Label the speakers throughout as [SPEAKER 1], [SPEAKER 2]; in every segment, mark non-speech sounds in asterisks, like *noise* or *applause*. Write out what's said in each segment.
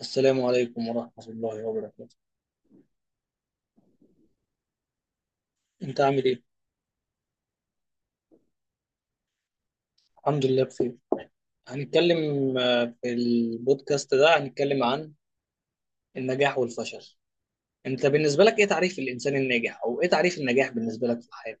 [SPEAKER 1] السلام عليكم ورحمة الله وبركاته. أنت عامل إيه؟ الحمد لله بخير. هنتكلم في البودكاست ده هنتكلم عن النجاح والفشل. أنت بالنسبة لك إيه تعريف الإنسان الناجح أو إيه تعريف النجاح بالنسبة لك في الحياة؟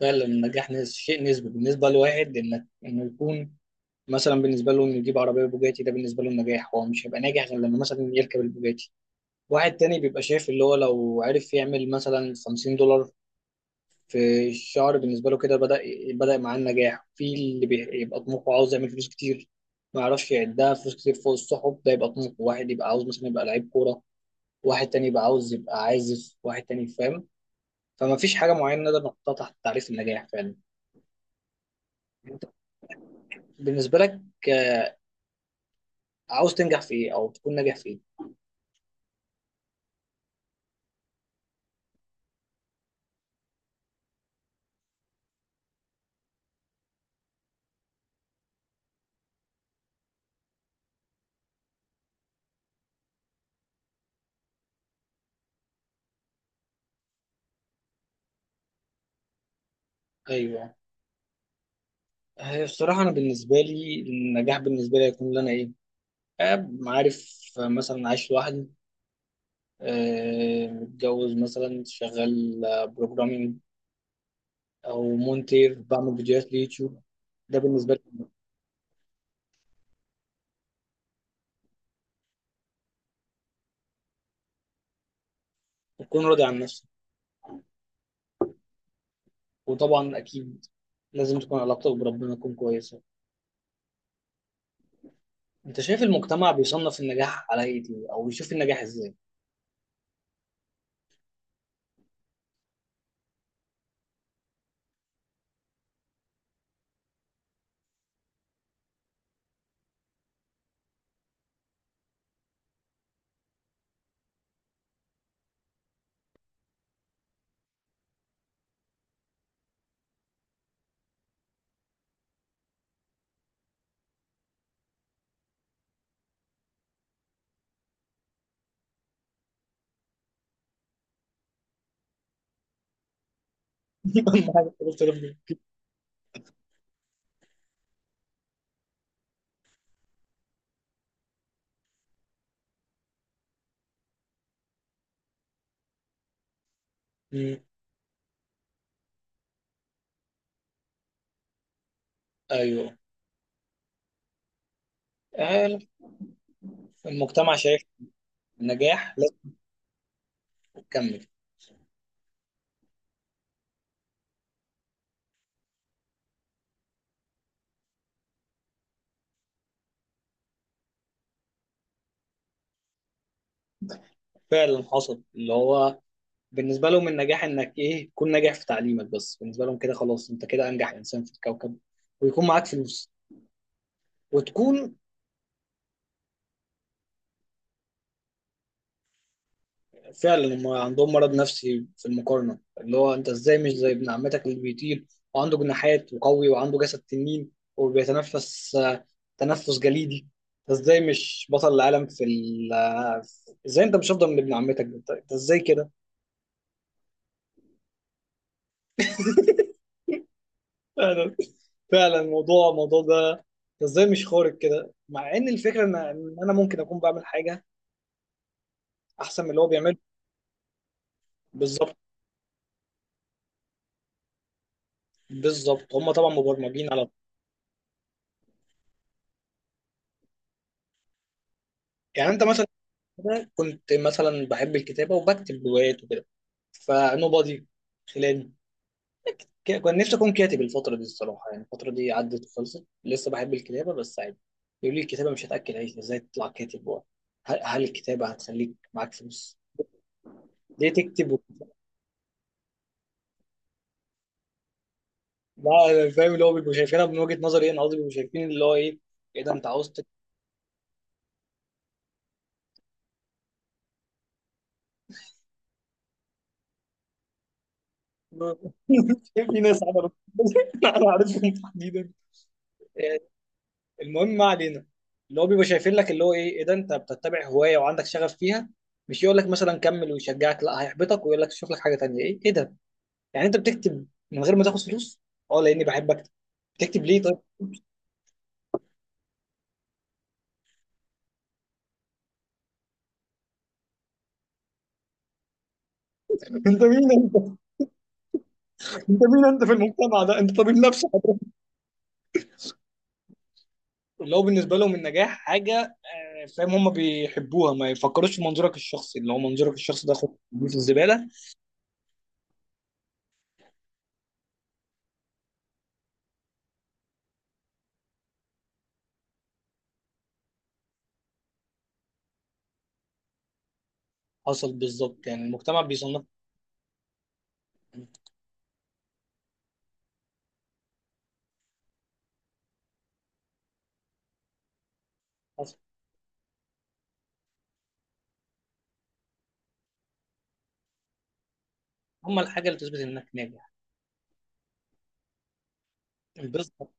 [SPEAKER 1] فعلا النجاح شيء نسبي، بالنسبة لواحد إنك إنه يكون مثلا بالنسبة له إنه يجيب عربية بوجاتي، ده بالنسبة له النجاح، هو مش هيبقى ناجح غير لما مثلا يركب البوجاتي. واحد تاني بيبقى شايف اللي هو لو عرف يعمل مثلا 50$ في الشعر بالنسبه له كده بدا، بدا معاه النجاح. في اللي بيبقى طموحه عاوز يعمل فلوس كتير، ما يعرفش يعدها، فلوس كتير فوق السحب، ده يبقى طموحه. واحد يبقى عاوز مثلا يبقى لعيب كوره، واحد تاني يبقى عاوز يبقى عازف، واحد تاني فاهم. فما فيش حاجه معينه نقدر نحطها تحت تعريف النجاح فعلا. انت بالنسبه لك، آه، عاوز تنجح في ايه او تكون ناجح في ايه؟ ايوه، هي الصراحه انا بالنسبه لي النجاح بالنسبه لي هيكون ان انا ايه، عارف، مثلا عايش لوحدي، متجوز، مثلا شغال بروجرامينج او مونتير بعمل فيديوهات ليوتيوب. ده بالنسبه لي. تكون راضي عن نفسك، وطبعا اكيد لازم تكون علاقتك بربنا تكون كويسه. انت شايف المجتمع بيصنف النجاح على ايه دي، او بيشوف النجاح ازاي؟ *laughs* أهم حاجة قلت ربنا. مم، ايوه. آه، المجتمع شايف النجاح لازم تكمل. فعلا حصل اللي هو بالنسبة لهم النجاح انك ايه، تكون ناجح في تعليمك بس، بالنسبة لهم كده خلاص انت كده انجح انسان في الكوكب، ويكون معاك فلوس وتكون. فعلا هم عندهم مرض نفسي في المقارنة، اللي هو انت ازاي مش زي ابن عمتك اللي بيطير وعنده جناحات وقوي وعنده جسد تنين وبيتنفس تنفس جليدي. انت ازاي مش بطل العالم في ال ازاي انت مش افضل من ابن عمتك، انت أنت ازاي كده؟ فعلا. فعلا الموضوع، الموضوع ده ازاي مش خارق كده، مع ان الفكره ان إن انا ممكن اكون بعمل حاجه احسن من اللي هو بيعمله. بالظبط. بالظبط هم طبعا مبرمجين على. يعني انت مثلا، أنا كنت مثلا بحب الكتابه وبكتب روايات وكده فنوبادي خلاني. كان نفسي اكون كاتب الفتره دي الصراحه، يعني الفتره دي عدت وخلصت، لسه بحب الكتابه بس عادي. يقول لي الكتابه مش هتاكل عيش، ازاي تطلع كاتب، هل الكتابه هتخليك معاك فلوس؟ ليه تكتب؟ لا، أنا فاهم اللي هو بيبقوا شايفينها، من وجهة نظري انا قصدي بيبقوا شايفين اللي هو ايه، ايه ده انت عاوز *laughs* في ناس عملت. *laughs* انا عارفهم تحديدا. المهم ما علينا. اللي هو بيبقى شايفين لك اللي هو ايه، ايه ده انت بتتبع هوايه وعندك شغف فيها، مش يقول لك مثلا كمل ويشجعك، لا هيحبطك ويقول لك شوف لك حاجه تانيه. ايه ايه ده، يعني انت بتكتب من غير ما تاخد فلوس؟ اه لاني بحب اكتب. تكتب ليه طيب؟ *laughs* انت مين انت، انت مين انت في المجتمع ده انت طبيب نفسي. اللي هو بالنسبه لهم النجاح حاجه فاهم، هم بيحبوها، ما يفكروش في منظورك الشخصي، اللي هو منظورك الشخصي ده خد في الزباله. حصل بالظبط، يعني المجتمع بيصنف. حصل. هم الحاجه اللي تثبت انك ناجح. بالظبط.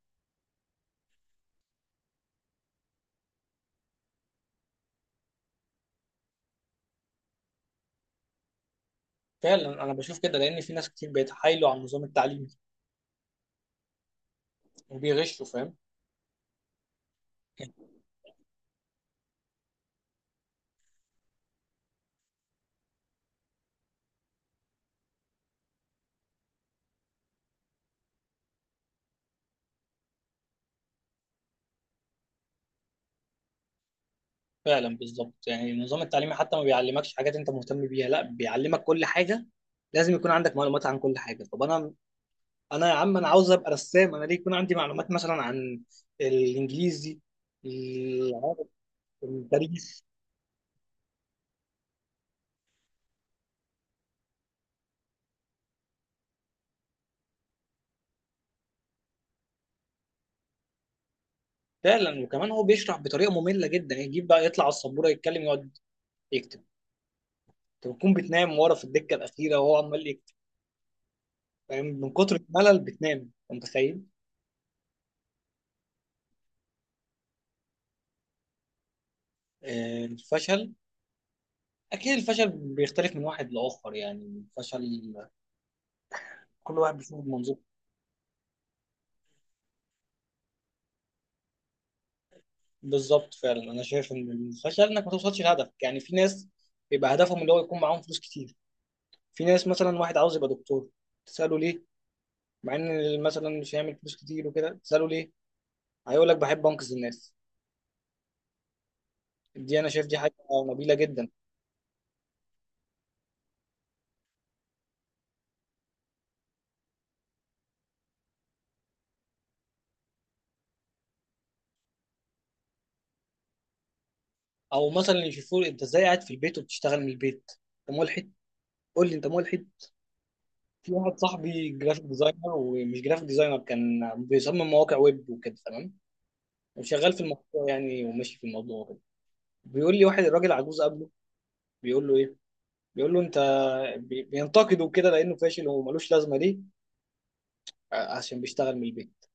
[SPEAKER 1] فعلا انا بشوف كده، لان في ناس كتير بيتحايلوا على النظام التعليمي وبيغشوا فاهم. فعلا بالظبط، يعني النظام التعليمي حتى ما بيعلمكش حاجات انت مهتم بيها، لا بيعلمك كل حاجه، لازم يكون عندك معلومات عن كل حاجه. طب انا، انا يا عم انا عاوز ابقى رسام، انا ليه يكون عندي معلومات مثلا عن الانجليزي، العربي، التاريخ. فعلا وكمان هو بيشرح بطريقه ممله جدا، يجيب بقى يطلع على السبوره يتكلم يقعد يكتب، انت بتكون بتنام ورا في الدكه الاخيره وهو عمال يكتب فاهم، من كتر الملل بتنام انت متخيل. الفشل، اكيد الفشل بيختلف من واحد لاخر، يعني الفشل كل واحد بيشوفه بمنظور. بالظبط. فعلا انا شايف ان الفشل انك ما توصلش لهدفك. يعني في ناس بيبقى هدفهم اللي هو يكون معاهم فلوس كتير، في ناس مثلا واحد عاوز يبقى دكتور، تساله ليه، مع ان مثلا مش هيعمل فلوس كتير وكده، تساله ليه، هيقول لك بحب انقذ الناس. دي انا شايف دي حاجه نبيله جدا. او مثلا يشوفوه انت ازاي قاعد في البيت وبتشتغل من البيت، انت ملحد، قول لي انت ملحد. في واحد صاحبي جرافيك ديزاينر، ومش جرافيك ديزاينر، كان بيصمم مواقع ويب وكده، تمام، وشغال في الموضوع يعني، وماشي في الموضوع وكده، بيقول لي واحد الراجل عجوز قبله، بيقول له ايه، بيقول له انت، بينتقده كده لانه فاشل وملوش لازمه ليه، عشان بيشتغل من البيت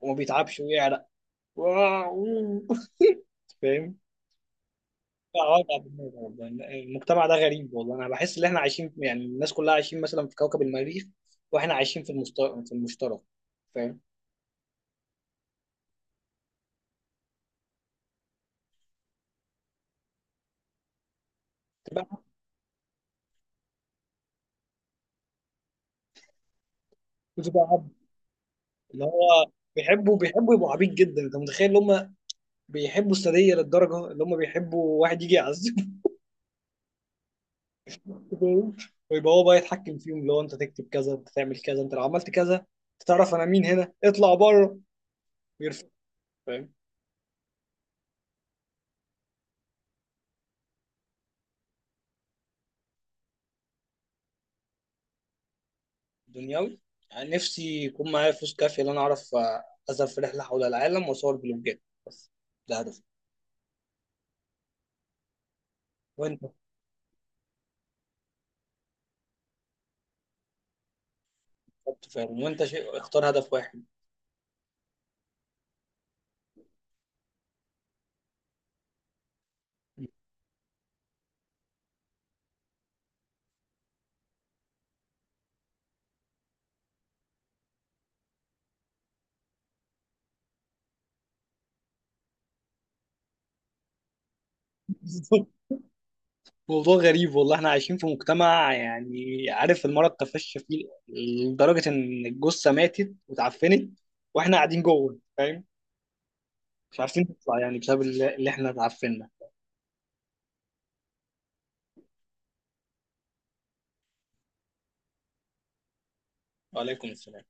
[SPEAKER 1] وما بيتعبش ويعرق. واو. فاهم. لا، وجع دماغ والله. المجتمع ده غريب والله، انا بحس ان احنا عايشين يعني الناس كلها عايشين مثلا في كوكب المريخ، واحنا عايشين في في المشترك فاهم. تبقى، بتبقى عبد اللي هو، بيحبوا، بيحبوا يبقوا عبيط جدا، انت متخيل ان هم بيحبوا السادية للدرجة اللي هم بيحبوا واحد يجي يعذبهم. *laughs* فاهم؟ ويبقى هو بقى يتحكم فيهم، اللي هو انت تكتب كذا، انت تعمل كذا، انت لو عملت كذا انت تعرف انا مين، هنا اطلع بره ويرفع. دنيوي، يعني نفسي يكون معايا فلوس كافية إن أنا أعرف أذهب في رحلة حول العالم وأصور بلوجات، بس. ده هدفي. وأنت، بالظبط فاهم، وأنت شيء، اختار هدف واحد. *laughs* موضوع غريب والله، احنا عايشين في مجتمع يعني عارف، المرض تفشى فيه لدرجة إن الجثة ماتت واتعفنت وإحنا قاعدين جوه فاهم، مش عارفين نطلع، يعني بسبب اللي اللي إحنا اتعفنا. وعليكم السلام.